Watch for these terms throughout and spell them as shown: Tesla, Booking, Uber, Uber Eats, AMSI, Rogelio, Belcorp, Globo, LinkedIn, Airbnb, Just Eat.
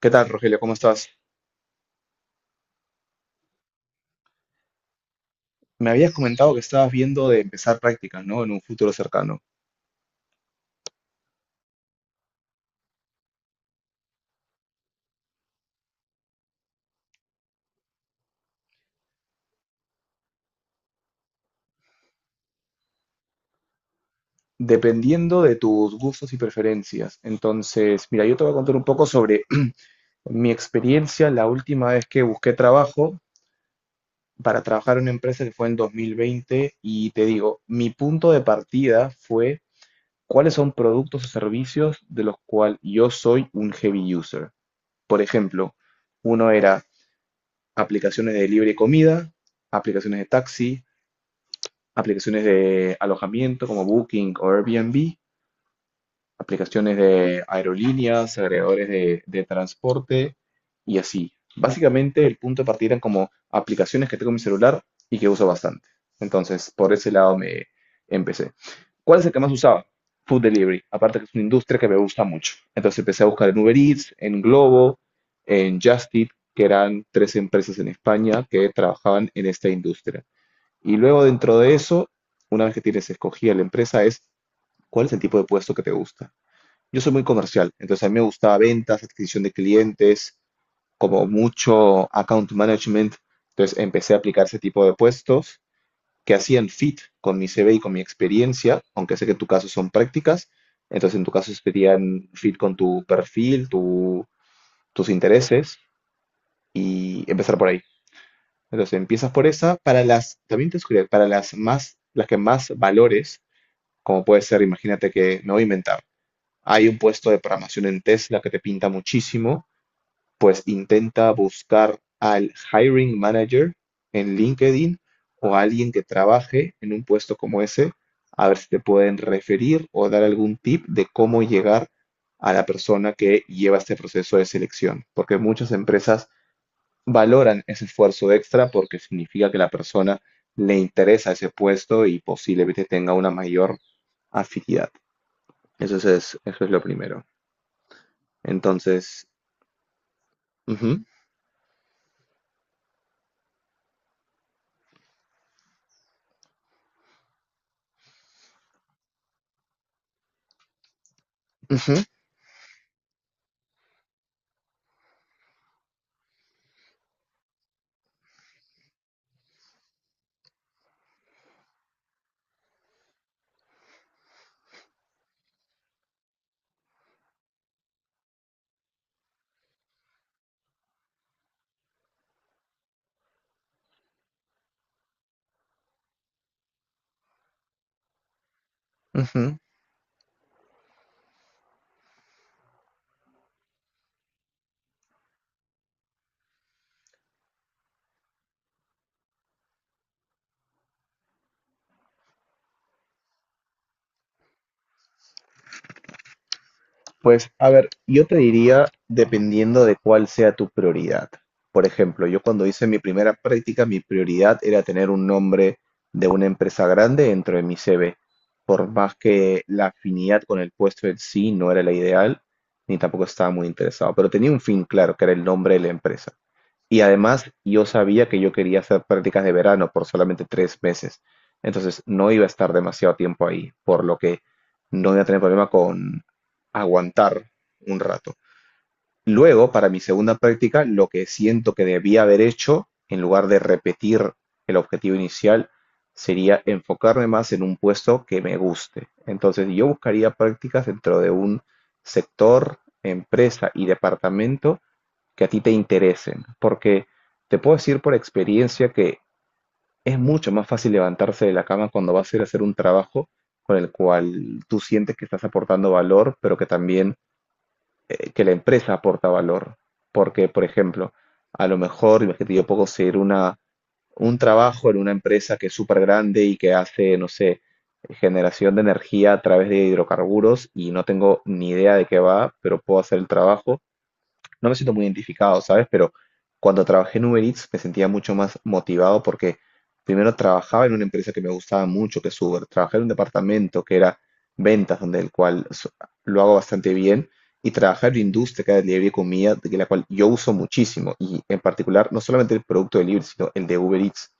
¿Qué tal, Rogelio? ¿Cómo estás? Me habías comentado que estabas viendo de empezar prácticas, ¿no? En un futuro cercano. Dependiendo de tus gustos y preferencias. Entonces, mira, yo te voy a contar un poco sobre mi experiencia la última vez que busqué trabajo para trabajar en una empresa que fue en 2020. Y te digo, mi punto de partida fue cuáles son productos o servicios de los cuales yo soy un heavy user. Por ejemplo, uno era aplicaciones de delivery de comida, aplicaciones de taxi, aplicaciones de alojamiento como Booking o Airbnb, aplicaciones de aerolíneas, agregadores de transporte y así. Básicamente el punto de partida eran como aplicaciones que tengo en mi celular y que uso bastante. Entonces, por ese lado me empecé. ¿Cuál es el que más usaba? Food delivery, aparte que es una industria que me gusta mucho. Entonces empecé a buscar en Uber Eats, en Globo, en Just Eat, que eran tres empresas en España que trabajaban en esta industria. Y luego dentro de eso, una vez que tienes escogida la empresa, es cuál es el tipo de puesto que te gusta. Yo soy muy comercial, entonces a mí me gustaba ventas, adquisición de clientes, como mucho account management. Entonces empecé a aplicar ese tipo de puestos que hacían fit con mi CV y con mi experiencia, aunque sé que en tu caso son prácticas, entonces en tu caso serían fit con tu perfil, tus intereses y empezar por ahí. Entonces empiezas por esa, para las, también te sugiero, para las más, las que más valores, como puede ser, imagínate que, no voy a inventar, hay un puesto de programación en Tesla que te pinta muchísimo, pues intenta buscar al hiring manager en LinkedIn o a alguien que trabaje en un puesto como ese, a ver si te pueden referir o dar algún tip de cómo llegar a la persona que lleva este proceso de selección, porque muchas empresas valoran ese esfuerzo extra porque significa que la persona le interesa ese puesto y posiblemente tenga una mayor afinidad. Eso es, Eso es lo primero. Entonces, ujú, ujú, ujú. Pues, a ver, yo te diría, dependiendo de cuál sea tu prioridad. Por ejemplo, yo cuando hice mi primera práctica, mi prioridad era tener un nombre de una empresa grande dentro de mi CV. Por más que la afinidad con el puesto en sí no era la ideal, ni tampoco estaba muy interesado, pero tenía un fin claro, que era el nombre de la empresa. Y además yo sabía que yo quería hacer prácticas de verano por solamente 3 meses. Entonces no iba a estar demasiado tiempo ahí, por lo que no iba a tener problema con aguantar un rato. Luego, para mi segunda práctica, lo que siento que debía haber hecho, en lugar de repetir el objetivo inicial, sería enfocarme más en un puesto que me guste. Entonces yo buscaría prácticas dentro de un sector, empresa y departamento que a ti te interesen, porque te puedo decir por experiencia que es mucho más fácil levantarse de la cama cuando vas a ir a hacer un trabajo con el cual tú sientes que estás aportando valor, pero que también que la empresa aporta valor. Porque, por ejemplo, a lo mejor, imagínate, yo puedo ser una, un trabajo en una empresa que es súper grande y que hace, no sé, generación de energía a través de hidrocarburos y no tengo ni idea de qué va, pero puedo hacer el trabajo, no me siento muy identificado, ¿sabes? Pero cuando trabajé en Uber Eats me sentía mucho más motivado porque primero trabajaba en una empresa que me gustaba mucho, que es Uber. Trabajé en un departamento que era ventas, donde el cual lo hago bastante bien. Y trabajar en la industria que era delivery de comida, de la cual yo uso muchísimo. Y en particular, no solamente el producto de delivery, sino el de Uber Eats.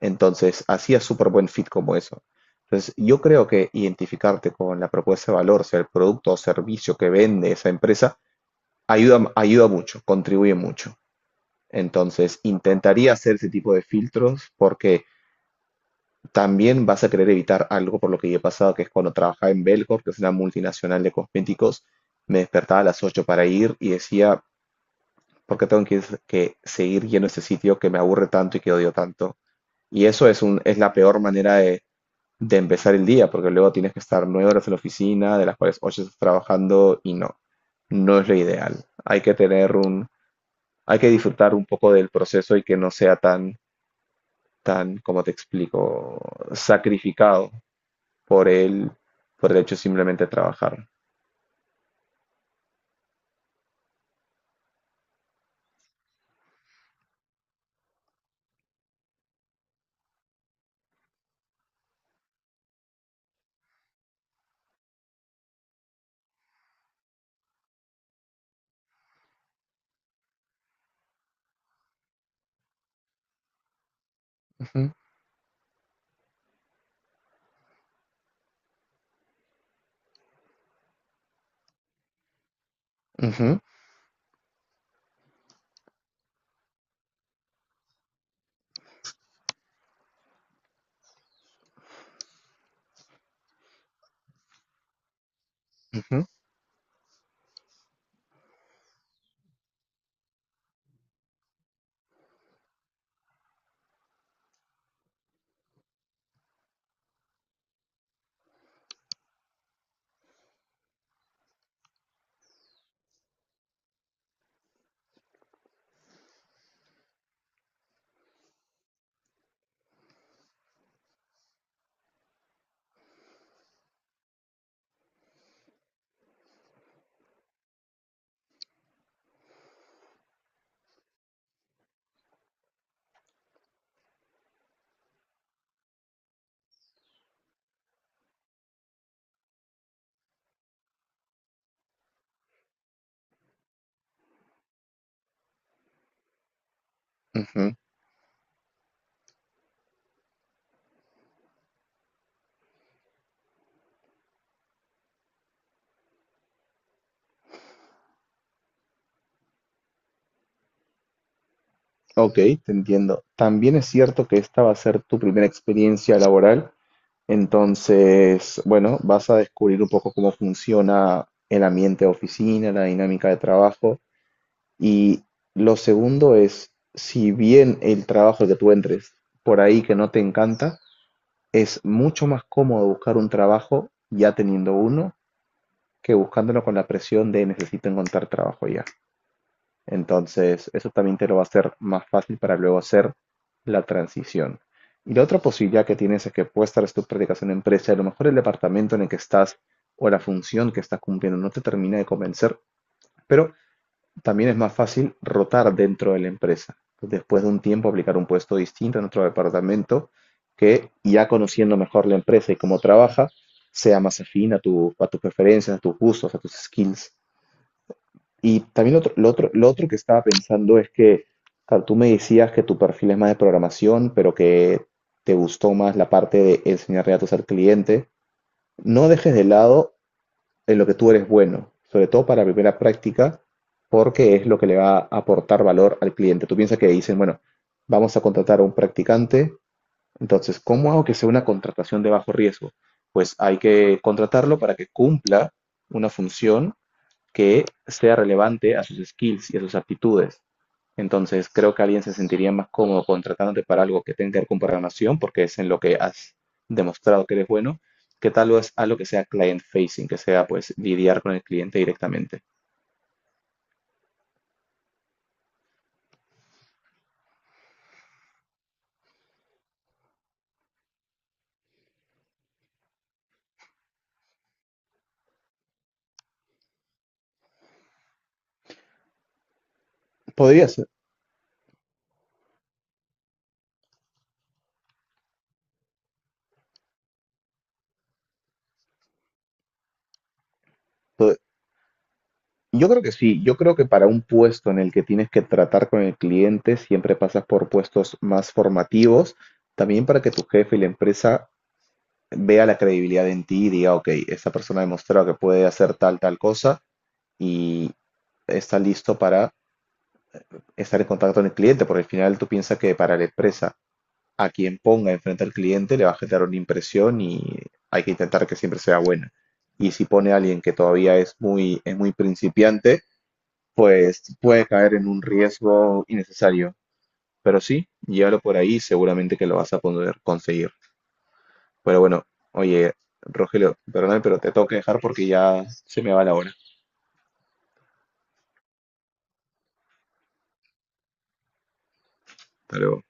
Entonces, hacía súper buen fit como eso. Entonces, yo creo que identificarte con la propuesta de valor, sea el producto o servicio que vende esa empresa, ayuda mucho, contribuye mucho. Entonces, intentaría hacer ese tipo de filtros porque también vas a querer evitar algo por lo que yo he pasado, que es cuando trabajaba en Belcorp, que es una multinacional de cosméticos, me despertaba a las 8 para ir y decía, ¿por qué tengo que seguir yendo a este sitio que me aburre tanto y que odio tanto? Y eso es, es la peor manera de empezar el día, porque luego tienes que estar 9 horas en la oficina, de las cuales 8 estás trabajando y no, no es lo ideal. Hay que tener un, hay que disfrutar un poco del proceso y que no sea tan, como te explico, sacrificado por por el hecho simplemente de trabajar. Ujú, ujú, ujú, ujú. Ok, te entiendo. También es cierto que esta va a ser tu primera experiencia laboral, entonces, bueno, vas a descubrir un poco cómo funciona el ambiente de oficina, la dinámica de trabajo. Y lo segundo es, si bien el trabajo que tú entres por ahí que no te encanta, es mucho más cómodo buscar un trabajo ya teniendo uno que buscándolo con la presión de necesito encontrar trabajo ya. Entonces, eso también te lo va a hacer más fácil para luego hacer la transición. Y la otra posibilidad que tienes es que puedes estar tus prácticas en una empresa, y a lo mejor el departamento en el que estás o la función que estás cumpliendo no te termina de convencer, pero también es más fácil rotar dentro de la empresa. Después de un tiempo aplicar un puesto distinto en otro departamento que ya conociendo mejor la empresa y cómo trabaja, sea más afín a, a tus preferencias, a tus gustos, a tus skills. Y también lo otro que estaba pensando es que, claro, tú me decías que tu perfil es más de programación, pero que te gustó más la parte de enseñarle datos al cliente. No dejes de lado en lo que tú eres bueno, sobre todo para la primera práctica, porque es lo que le va a aportar valor al cliente. Tú piensas que dicen, bueno, vamos a contratar a un practicante, entonces, ¿cómo hago que sea una contratación de bajo riesgo? Pues hay que contratarlo para que cumpla una función que sea relevante a sus skills y a sus aptitudes. Entonces, creo que alguien se sentiría más cómodo contratándote para algo que tenga que ver con programación, porque es en lo que has demostrado que eres bueno, que tal vez algo que sea client facing, que sea pues lidiar con el cliente directamente. Pod- Yo creo que sí, yo creo que para un puesto en el que tienes que tratar con el cliente, siempre pasas por puestos más formativos, también para que tu jefe y la empresa vea la credibilidad en ti y diga, ok, esta persona ha demostrado que puede hacer tal, tal cosa y está listo para estar en contacto con el cliente, porque al final tú piensas que para la empresa, a quien ponga enfrente al cliente le va a generar una impresión y hay que intentar que siempre sea buena. Y si pone a alguien que todavía es muy principiante, pues puede caer en un riesgo innecesario. Pero sí, llévalo por ahí, seguramente que lo vas a poder conseguir. Pero bueno, oye, Rogelio, perdóname, pero te tengo que dejar porque ya se me va la hora. Hasta luego.